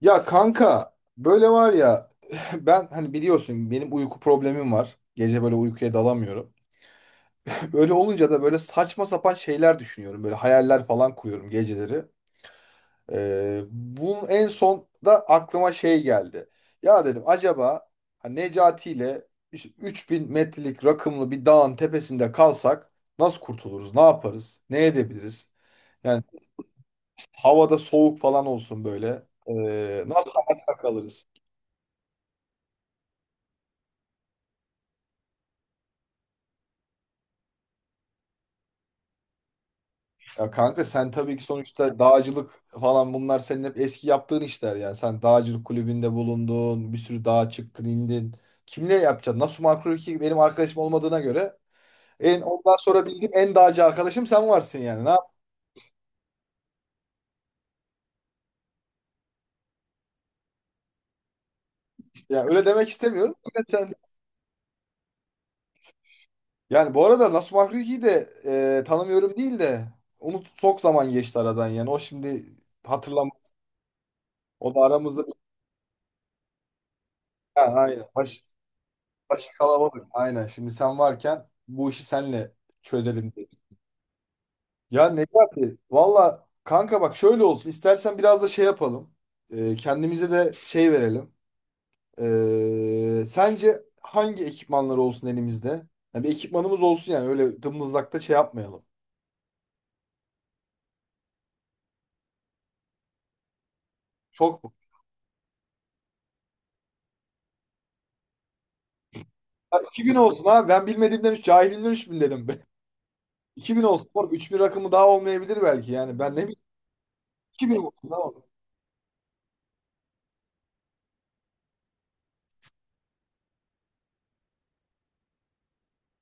Ya kanka böyle var ya ben hani biliyorsun benim uyku problemim var. Gece böyle uykuya dalamıyorum. Öyle olunca da böyle saçma sapan şeyler düşünüyorum. Böyle hayaller falan kuruyorum geceleri. Bunun en son da aklıma şey geldi. Ya dedim acaba hani Necati ile işte 3000 metrelik rakımlı bir dağın tepesinde kalsak nasıl kurtuluruz? Ne yaparız? Ne edebiliriz? Yani havada soğuk falan olsun böyle. Nasıl hayatta kalırız? Ya kanka sen tabii ki sonuçta dağcılık falan bunlar senin hep eski yaptığın işler yani. Sen dağcılık kulübünde bulundun, bir sürü dağa çıktın, indin. Kimle yapacaksın? Nasıl makro ki benim arkadaşım olmadığına göre en ondan sonra bildiğim en dağcı arkadaşım sen varsın yani. Ne yapmışsın yani? Öyle demek istemiyorum. Yine sen yani bu arada Nasu Makruki'yi de tanımıyorum değil de unut çok zaman geçti aradan yani. O şimdi hatırlam o da aramızda ha, aynen. Baş, başı kalabalık. Aynen. Şimdi sen varken bu işi senle çözelim. Ya Necati, valla kanka bak şöyle olsun. İstersen biraz da şey yapalım. Kendimize de şey verelim. Sence hangi ekipmanlar olsun elimizde? Ya bir ekipmanımız olsun yani öyle dımdızlakta şey yapmayalım. Çok mu? Ya 2000 olsun ha, ben bilmediğimden 3, cahilimden 3000 dedim be. 2000 olsun. Oğlum 3000 rakamı daha olmayabilir belki yani. Ben ne bileyim 2000 olsun. Tamam.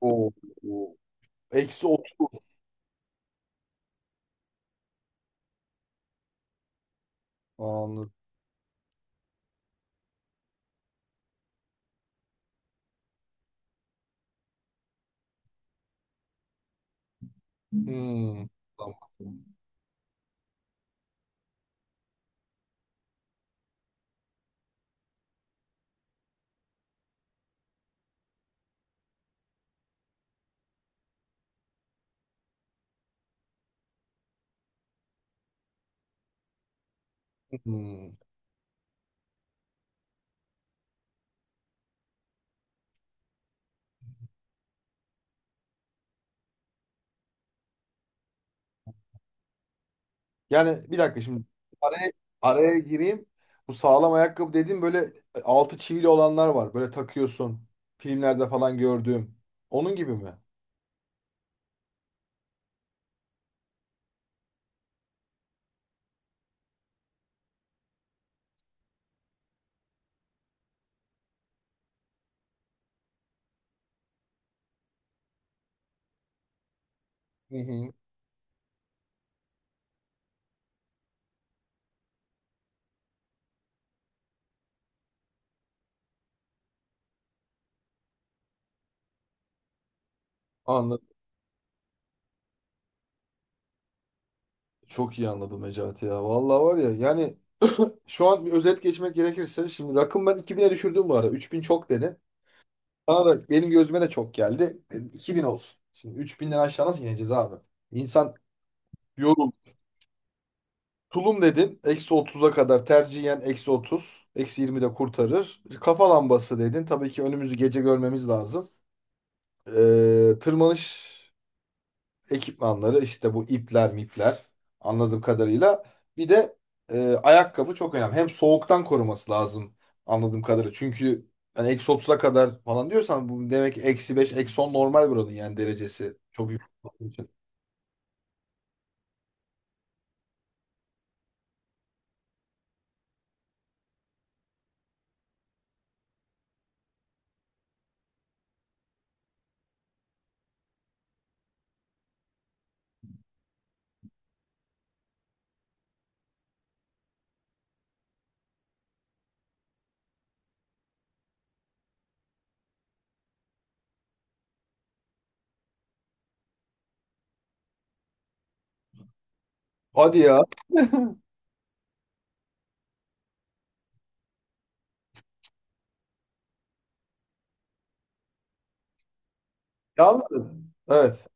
Oo. Oo. Eksi 30. Anladım. Hmm. Tamam. Hmm. Yani bir dakika şimdi araya, araya gireyim. Bu sağlam ayakkabı dediğim böyle altı çivili olanlar var. Böyle takıyorsun. Filmlerde falan gördüğüm. Onun gibi mi? Hı hı. Anladım. Çok iyi anladım Necati ya. Vallahi var ya yani şu an bir özet geçmek gerekirse şimdi rakım ben 2000'e düşürdüm bu arada. 3000 çok dedi. Bana da benim gözüme de çok geldi. E, 2000 olsun. Şimdi 3000'den aşağı nasıl ineceğiz abi? İnsan yorulur. Tulum dedin. Eksi 30'a kadar tercihen eksi 30. Eksi 20 de kurtarır. Kafa lambası dedin. Tabii ki önümüzü gece görmemiz lazım. Tırmanış ekipmanları işte bu ipler mipler anladığım kadarıyla. Bir de ayakkabı çok önemli. Hem soğuktan koruması lazım anladığım kadarıyla. Çünkü hani eksi 30'a kadar falan diyorsan bu demek ki eksi 5 eksi 10 normal buranın yani derecesi. Çok yüksek olduğu için. Hadi ya. Yalnız. Evet.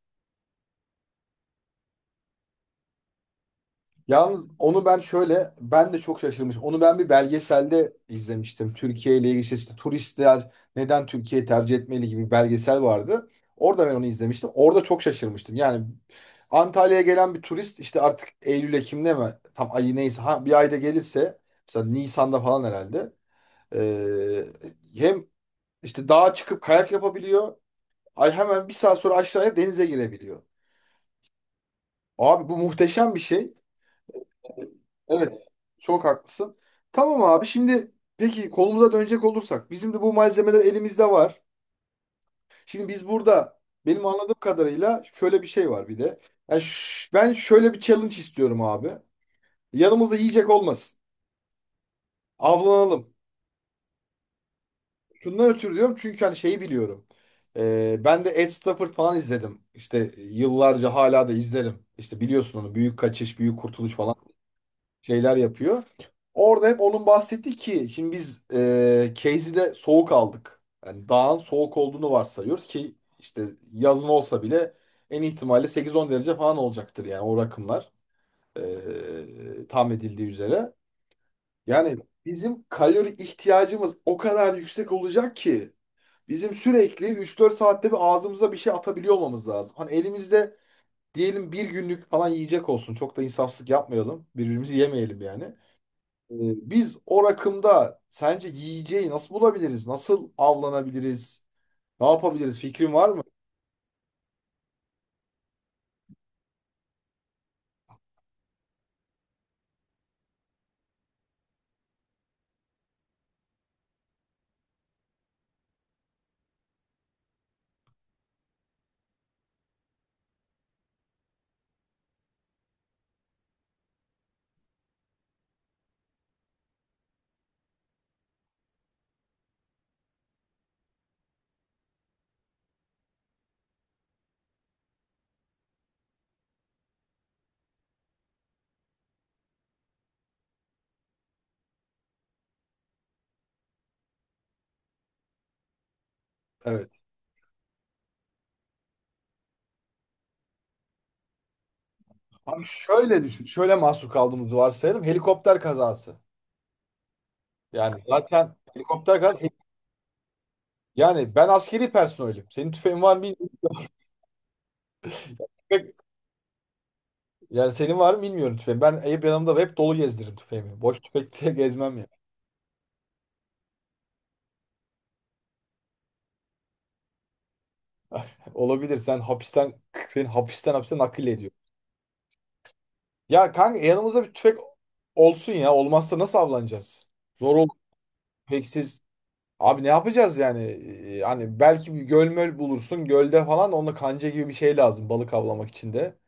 Yalnız onu ben şöyle ben de çok şaşırmışım. Onu ben bir belgeselde izlemiştim. Türkiye ile ilgili işte turistler neden Türkiye'yi tercih etmeli gibi bir belgesel vardı. Orada ben onu izlemiştim. Orada çok şaşırmıştım. Yani Antalya'ya gelen bir turist işte artık Eylül Ekim'de mi tam ayı neyse ha, bir ayda gelirse mesela Nisan'da falan herhalde ee, hem işte dağa çıkıp kayak yapabiliyor. Ay hemen bir saat sonra aşağıya denize girebiliyor. Abi bu muhteşem bir şey. Evet, çok haklısın. Tamam abi şimdi peki kolumuza dönecek olursak bizim de bu malzemeler elimizde var. Şimdi biz burada benim anladığım kadarıyla şöyle bir şey var bir de. Yani ben şöyle bir challenge istiyorum abi. Yanımızda yiyecek olmasın. Avlanalım. Şundan ötürü diyorum çünkü hani şeyi biliyorum. Ben de Ed Stafford falan izledim. İşte yıllarca hala da izlerim. İşte biliyorsun onu Büyük Kaçış, Büyük Kurtuluş falan şeyler yapıyor. Orada hep onun bahsettiği ki şimdi biz Casey'de soğuk aldık. Yani dağın soğuk olduğunu varsayıyoruz ki işte yazın olsa bile en ihtimalle 8-10 derece falan olacaktır yani o rakımlar tahmin edildiği üzere. Yani bizim kalori ihtiyacımız o kadar yüksek olacak ki bizim sürekli üç dört saatte bir ağzımıza bir şey atabiliyor olmamız lazım. Hani elimizde diyelim bir günlük falan yiyecek olsun. Çok da insafsızlık yapmayalım. Birbirimizi yemeyelim yani. Ee, Biz o rakımda sence yiyeceği nasıl bulabiliriz? Nasıl avlanabiliriz? Ne yapabiliriz? Fikrin var mı? Evet. Abi şöyle düşün. Şöyle mahsur kaldığımızı varsayalım. Helikopter kazası. Yani zaten helikopter kazası. Yani ben askeri personelim. Senin tüfeğin var mı bilmiyorum. Tüfek- yani senin var mı bilmiyorum tüfeğin. Ben hep yanımda hep dolu gezdiririm tüfeğimi. Boş tüfekle gezmem ya. Olabilir. Seni hapisten hapse nakil ediyor. Ya kanka yanımızda bir tüfek olsun ya. Olmazsa nasıl avlanacağız? Zor olur. Tüfeksiz abi ne yapacağız yani? Hani belki bir göl möl bulursun. Gölde falan onunla kanca gibi bir şey lazım balık avlamak için de.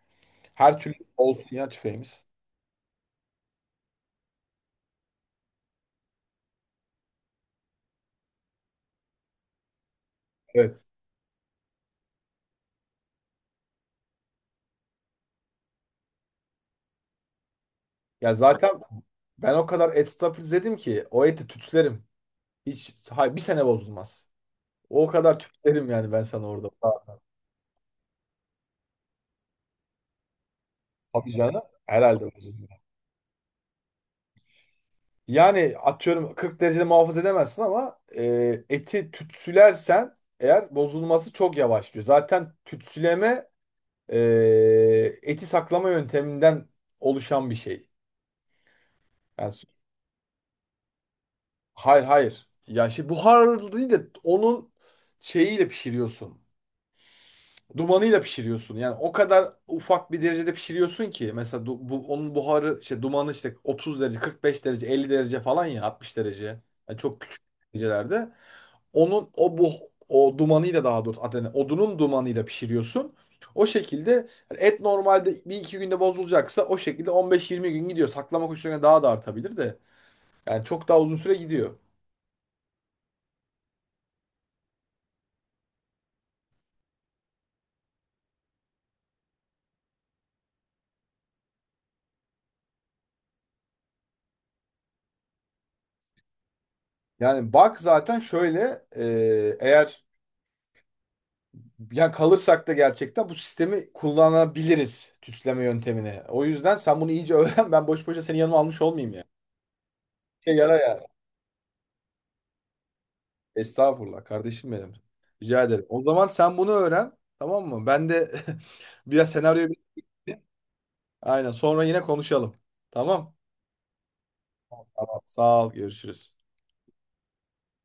Her türlü olsun ya tüfeğimiz. Evet. Ya zaten ben o kadar et stop dedim ki o eti tütslerim. Hiç hay bir sene bozulmaz. O kadar tütslerim yani ben sana orada. Ha, tabii canım. Herhalde bozulmaz. Yani atıyorum 40 derecede muhafaza edemezsin ama eti tütsülersen eğer bozulması çok yavaşlıyor. Zaten tütsüleme e, eti saklama yönteminden oluşan bir şey. Yani, s- hayır hayır. Ya şimdi buharlı değil de onun şeyiyle pişiriyorsun. Dumanıyla pişiriyorsun. Yani o kadar ufak bir derecede pişiriyorsun ki mesela bu, onun buharı işte dumanı işte 30 derece, 45 derece, 50 derece falan ya 60 derece. Yani çok küçük derecelerde. Onun o dumanıyla daha doğrusu adını odunun dumanıyla pişiriyorsun. O şekilde hani et normalde bir iki günde bozulacaksa o şekilde 15-20 gün gidiyor. Saklama koşullarına daha da artabilir de. Yani çok daha uzun süre gidiyor. Yani bak zaten şöyle eğer yani kalırsak da gerçekten bu sistemi kullanabiliriz tüsleme yöntemini. O yüzden sen bunu iyice öğren. Ben boş boşa seni yanıma almış olmayayım ya. Yani. Yarar yani. Estağfurullah kardeşim benim. Rica ederim. O zaman sen bunu öğren. Tamam mı? Ben de biraz senaryo... Aynen. Sonra yine konuşalım. Tamam. Sağ ol. Görüşürüz.